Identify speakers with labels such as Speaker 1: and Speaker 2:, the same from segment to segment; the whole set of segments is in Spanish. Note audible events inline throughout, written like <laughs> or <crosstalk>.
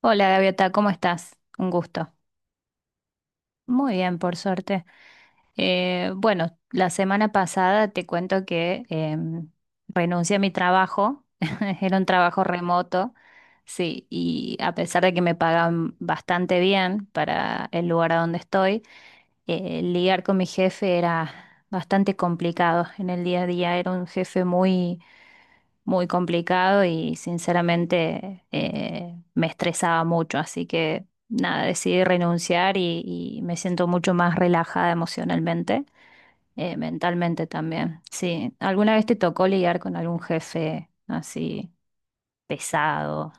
Speaker 1: Hola Gaviota, ¿cómo estás? Un gusto. Muy bien, por suerte. Bueno, la semana pasada te cuento que renuncié a mi trabajo, <laughs> era un trabajo remoto, sí, y a pesar de que me pagan bastante bien para el lugar a donde estoy, lidiar con mi jefe era bastante complicado en el día a día, era un jefe muy complicado y sinceramente me estresaba mucho, así que nada, decidí renunciar y me siento mucho más relajada emocionalmente, mentalmente también. Sí, ¿alguna vez te tocó lidiar con algún jefe así pesado?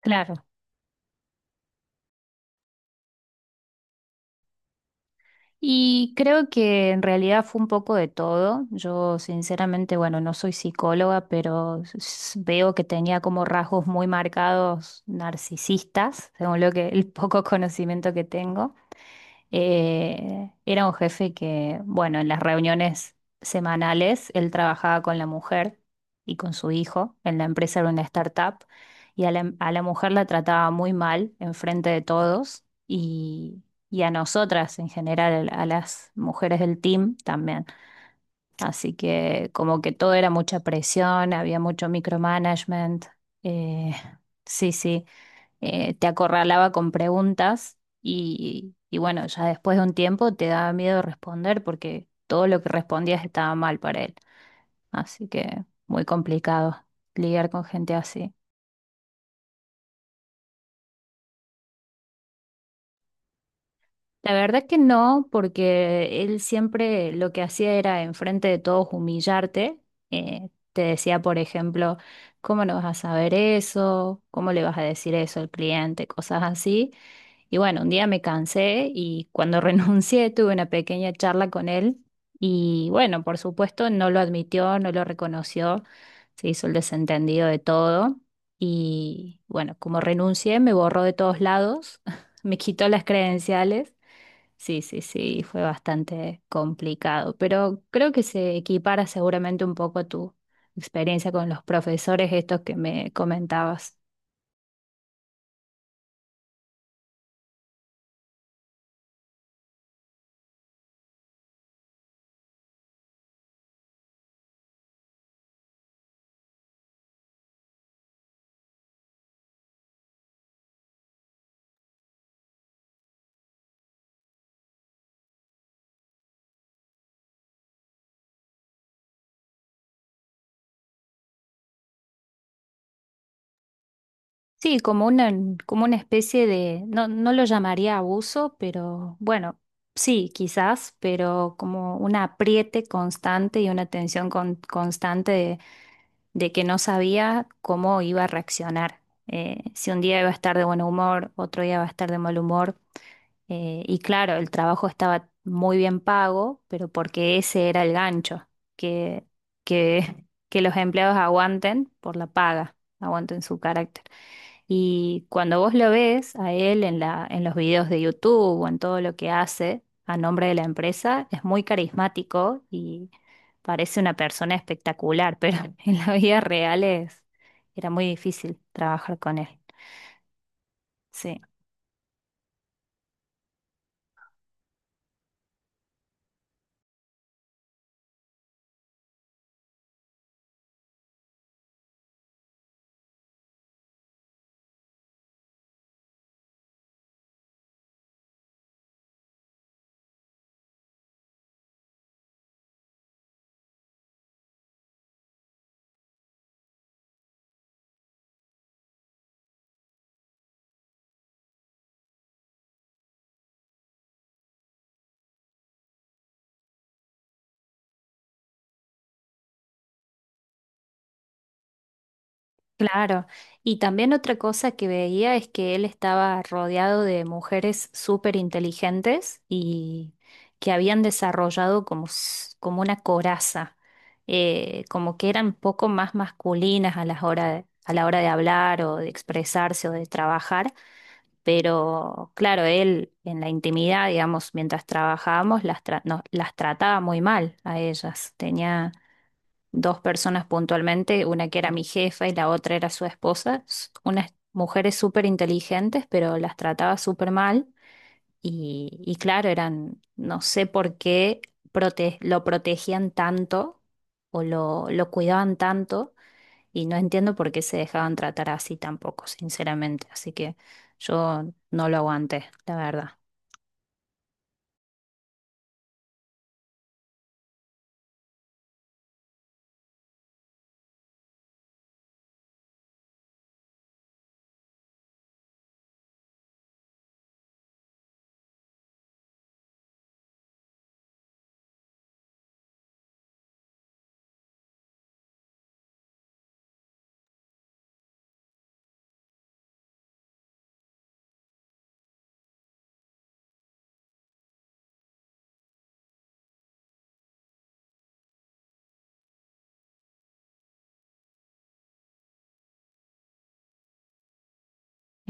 Speaker 1: Claro. Y creo que en realidad fue un poco de todo. Yo sinceramente, bueno, no soy psicóloga, pero veo que tenía como rasgos muy marcados narcisistas, según lo que el poco conocimiento que tengo. Era un jefe que, bueno, en las reuniones semanales él trabajaba con la mujer y con su hijo. En la empresa era una startup y a la mujer la trataba muy mal enfrente de todos y a nosotras en general, a las mujeres del team también. Así que como que todo era mucha presión, había mucho micromanagement. Eh, sí, sí Te acorralaba con preguntas y bueno, ya después de un tiempo te daba miedo responder porque todo lo que respondías estaba mal para él. Así que muy complicado lidiar con gente así. La verdad que no, porque él siempre lo que hacía era enfrente de todos humillarte. Te decía, por ejemplo, ¿cómo no vas a saber eso? ¿Cómo le vas a decir eso al cliente? Cosas así. Y bueno, un día me cansé y cuando <laughs> renuncié tuve una pequeña charla con él y bueno, por supuesto no lo admitió, no lo reconoció, se hizo el desentendido de todo y bueno, como renuncié me borró de todos lados, <laughs> me quitó las credenciales. Sí, sí, sí, fue bastante complicado, pero creo que se equipara seguramente un poco a tu experiencia con los profesores estos que me comentabas. Sí, como una especie de, no, no lo llamaría abuso, pero bueno, sí, quizás, pero como un apriete constante y una tensión constante de que no sabía cómo iba a reaccionar. Si un día iba a estar de buen humor, otro día iba a estar de mal humor. Y claro, el trabajo estaba muy bien pago, pero porque ese era el gancho, que, <laughs> que los empleados aguanten por la paga, aguanten su carácter. Y cuando vos lo ves a él en los videos de YouTube o en todo lo que hace a nombre de la empresa, es muy carismático y parece una persona espectacular, pero <laughs> en la vida real es, era muy difícil trabajar con él. Sí. Claro, y también otra cosa que veía es que él estaba rodeado de mujeres súper inteligentes y que habían desarrollado como una coraza, como que eran poco más masculinas a la hora de, a la hora de hablar o de expresarse o de trabajar, pero claro, él en la intimidad, digamos, mientras trabajábamos, no, las trataba muy mal a ellas, dos personas puntualmente, una que era mi jefa y la otra era su esposa, unas mujeres súper inteligentes, pero las trataba súper mal y claro, eran, no sé por qué lo protegían tanto o lo cuidaban tanto y no entiendo por qué se dejaban tratar así tampoco, sinceramente, así que yo no lo aguanté, la verdad.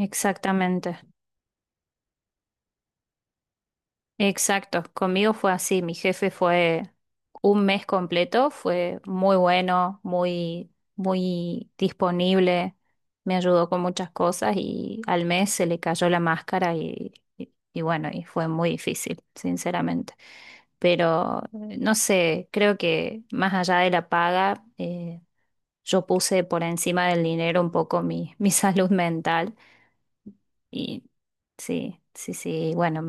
Speaker 1: Exactamente. Exacto, conmigo fue así, mi jefe fue un mes completo, fue muy bueno, muy, muy disponible, me ayudó con muchas cosas y al mes se le cayó la máscara y bueno, y fue muy difícil, sinceramente. Pero no sé, creo que más allá de la paga, yo puse por encima del dinero un poco mi, <laughs> mi salud mental y sí, sí, sí, bueno,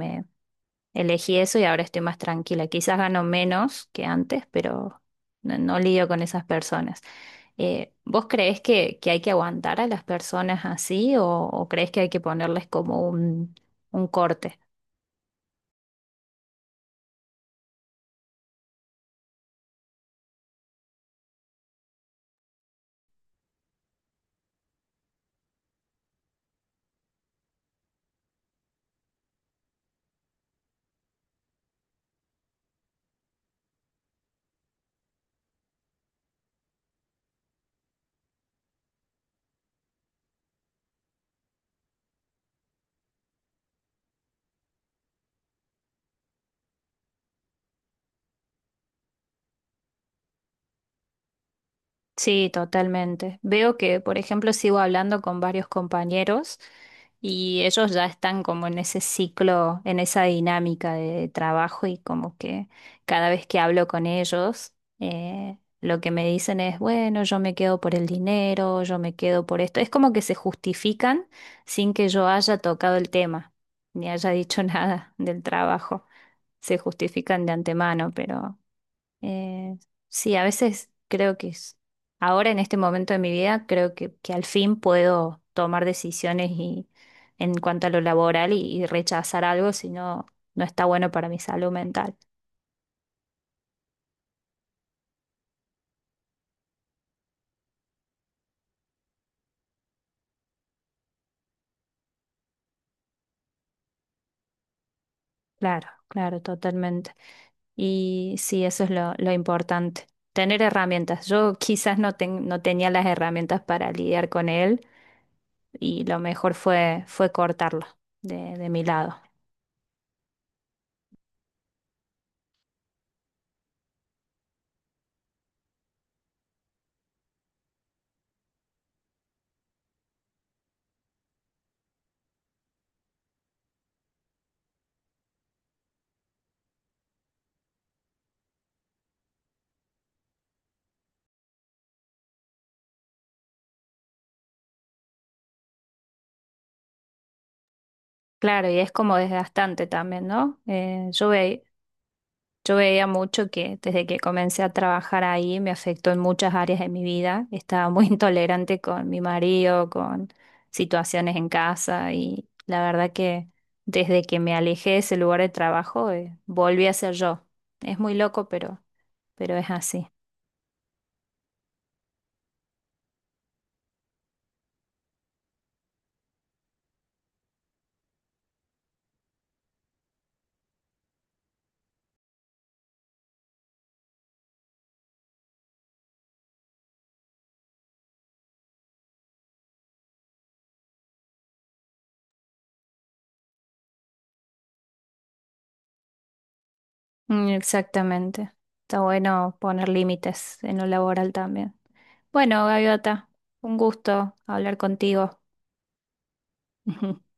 Speaker 1: elegí eso y ahora estoy más tranquila. Quizás gano menos que antes, pero no, no lidio con esas personas. ¿Vos creés que hay que aguantar a las personas así o creés que hay que ponerles como un corte? Sí, totalmente. Veo que, por ejemplo, sigo hablando con varios compañeros y ellos ya están como en ese ciclo, en esa dinámica de trabajo y como que cada vez que hablo con ellos, lo que me dicen es, bueno, yo me quedo por el dinero, yo me quedo por esto. Es como que se justifican sin que yo haya tocado el tema, ni haya dicho <laughs> nada del trabajo. Se justifican de antemano, pero… Eh, sí, a veces creo que es, ahora en este momento de mi vida, creo que al fin puedo tomar decisiones y, en cuanto a lo laboral y rechazar algo si no, no está bueno para mi salud mental. Claro, claro, totalmente. Y sí, eso es lo importante. Tener herramientas. Yo quizás no tenía las herramientas para lidiar con él y lo mejor fue, fue cortarlo de mi lado. Claro, y es como desgastante también, ¿no? Yo veía mucho que desde que comencé a trabajar ahí me afectó en muchas áreas de mi vida. Estaba muy <laughs> intolerante con mi marido, con situaciones en casa y la verdad que desde que me alejé de ese lugar de trabajo volví a ser yo. Es muy loco, pero es así. Mm, exactamente. Está bueno poner límites en lo laboral también. Bueno, Gaviota, un gusto hablar contigo. <laughs>